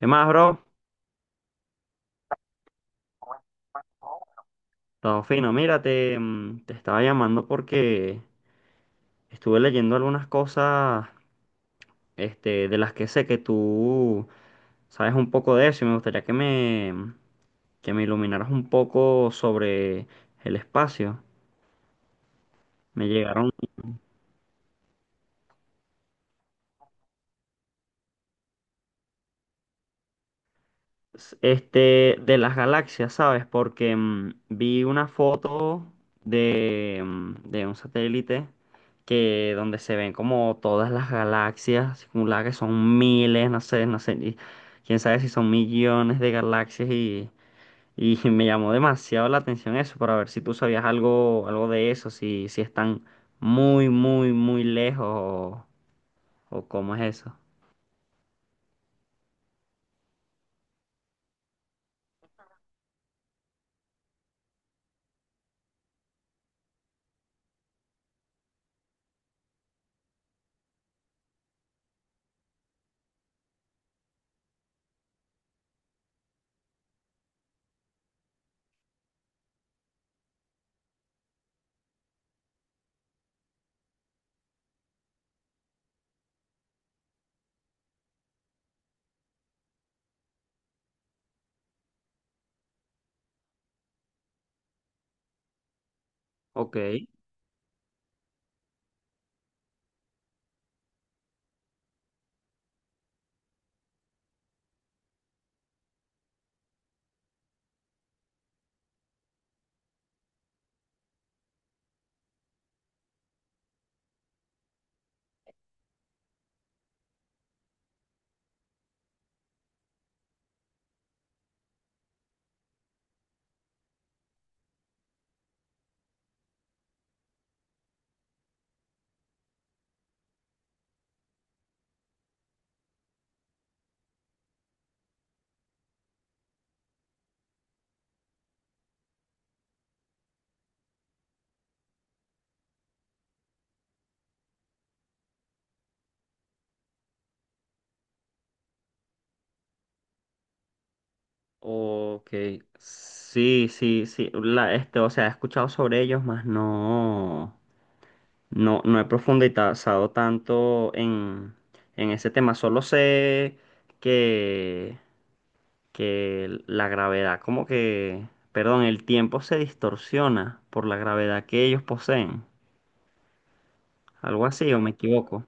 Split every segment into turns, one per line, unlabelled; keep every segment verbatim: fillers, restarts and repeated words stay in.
¿Qué más, bro? Todo fino. Mira, te, mm, te estaba llamando porque estuve leyendo algunas cosas, este, de las que sé que tú sabes un poco de eso y me gustaría que me, que me iluminaras un poco sobre el espacio. Me llegaron s- este, de las galaxias, ¿sabes? Porque mm, vi una foto de, mm, de un satélite que donde se ven como todas las galaxias acumuladas, que son miles, no sé, no sé, ni- quién sabe si son millones de galaxias y, y me llamó demasiado la atención eso, para ver si tú sabías algo, algo de eso, si, si están muy, muy, muy lejos o, o cómo es eso. Ok. Ok, sí, sí, sí, la, este, o sea, he escuchado sobre ellos, mas no, no, no he profundizado tanto en, en ese tema, solo sé que, que la gravedad, como que, perdón, el tiempo se distorsiona por la gravedad que ellos poseen, algo así, o me equivoco.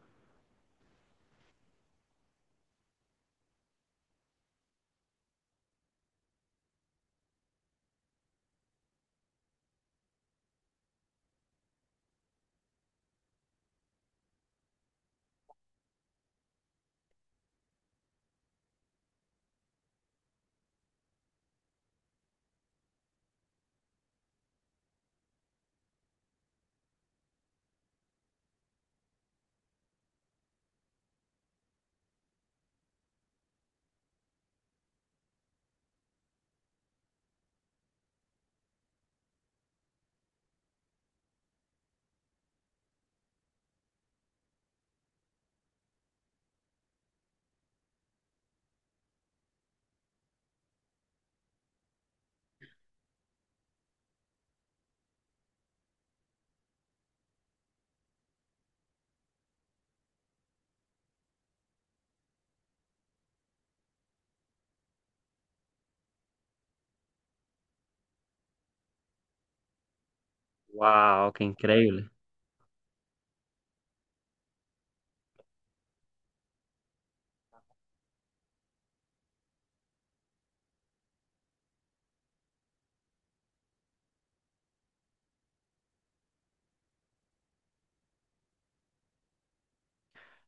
Wow, qué increíble.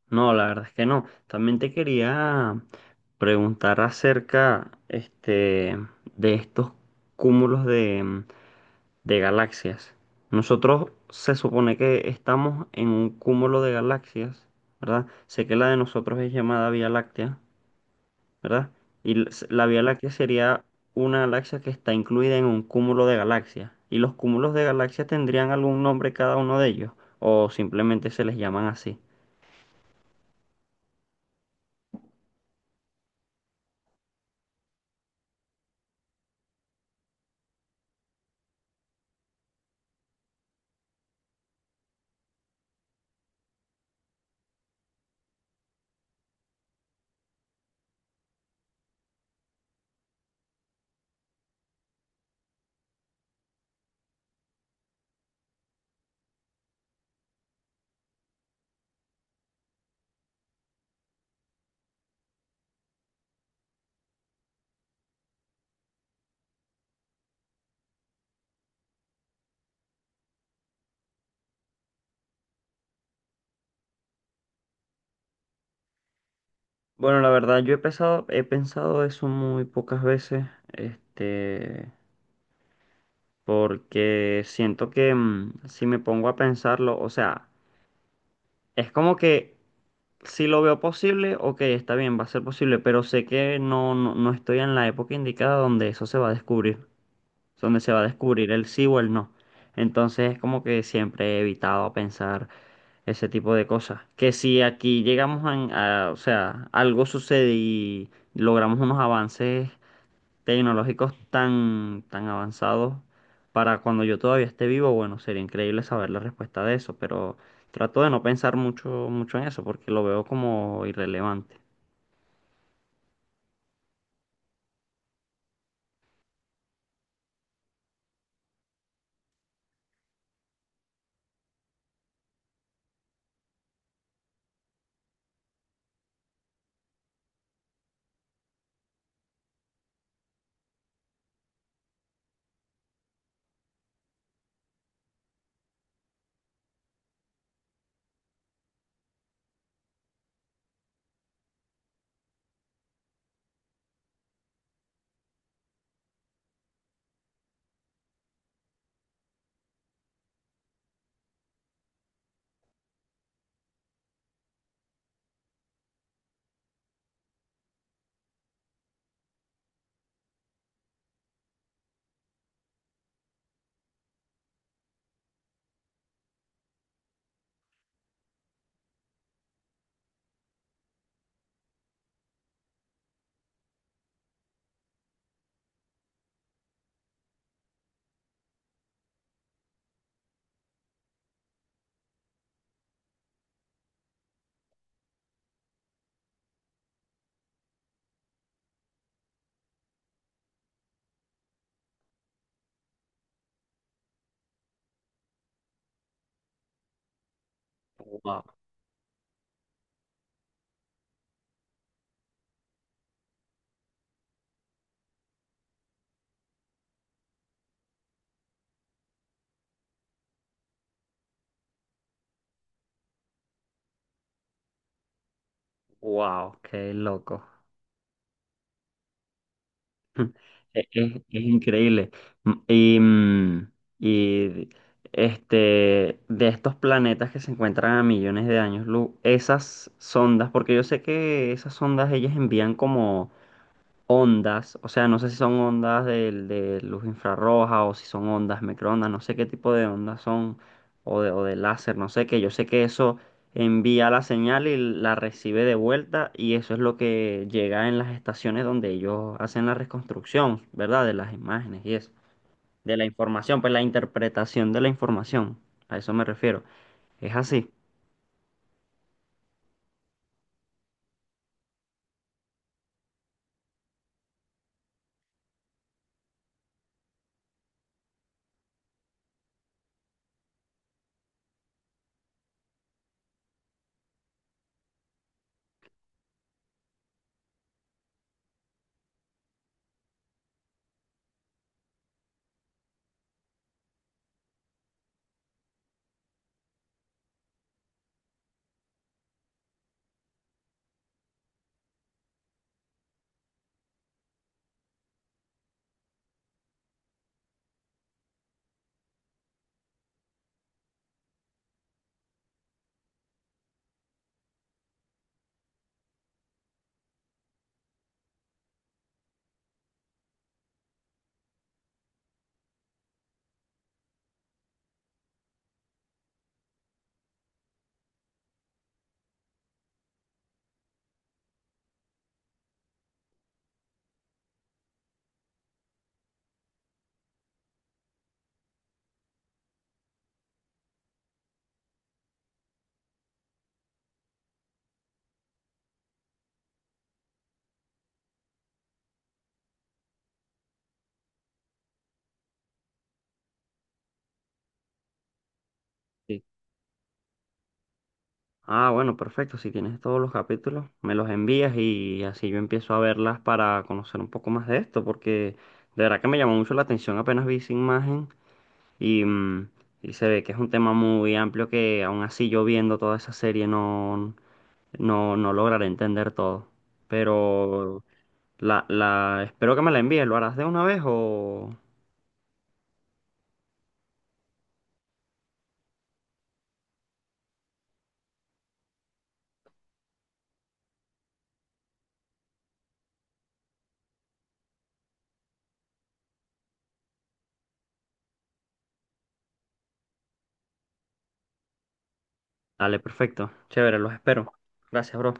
No, la verdad es que no. También te quería preguntar acerca, este, de estos cúmulos de, mm, de galaxias. Nosotros se supone que estamos en un cúmulo de galaxias, ¿verdad? Sé que la de nosotros es llamada Vía Láctea, ¿verdad? Y l- s- la Vía Láctea sería una galaxia que está incluida en un cúmulo de galaxias. ¿Y los cúmulos de galaxias tendrían algún nombre cada uno de ellos? ¿O simplemente se les llaman así? Bueno, la verdad, yo he pensado, he pensado eso muy pocas veces, este, porque siento que mm, si me pongo a pensarlo, o sea, es como que si lo veo posible, ok, está bien, va a ser posible, pero sé que no, no, no estoy en la época indicada donde eso se va a descubrir, donde se va a descubrir el sí o el no. Entonces es como que siempre he evitado pensar ese tipo de cosas. Que si aquí llegamos a, a- o sea, algo sucede y logramos unos avances tecnológicos tan, tan avanzados para cuando yo todavía esté vivo, bueno, sería increíble saber la respuesta de eso, pero trato de no pensar mucho, mucho en eso porque lo veo como irrelevante. Wow, wow, qué loco. Es, es- es increíble. Mm, Y, mm, y este, de estos planetas que se encuentran a millones de años luz, esas sondas, porque yo sé que esas sondas ellas envían como ondas, o sea, no sé si son ondas del- de, luz infrarroja o si son ondas microondas, no sé qué tipo de ondas son o de, o de láser, no sé qué, yo sé que eso envía la señal y la recibe de vuelta y eso es lo que llega en las estaciones donde ellos hacen la reconstrucción, ¿verdad? De las imágenes y eso, de la información, pues la interpretación de la información, a eso me refiero, es así. Ah, bueno, perfecto. Si tienes todos los capítulos, me los envías y así yo empiezo a verlas para conocer un poco más de esto, porque de verdad que me llamó mucho la atención apenas vi esa imagen y, mm, y se ve que es un tema muy amplio que aún así yo viendo toda esa serie no, no, no lograré entender todo. Pero la, la, espero que me la envíes. ¿Lo harás de una vez o...? Dale, perfecto. Chévere, los espero. Gracias, bro.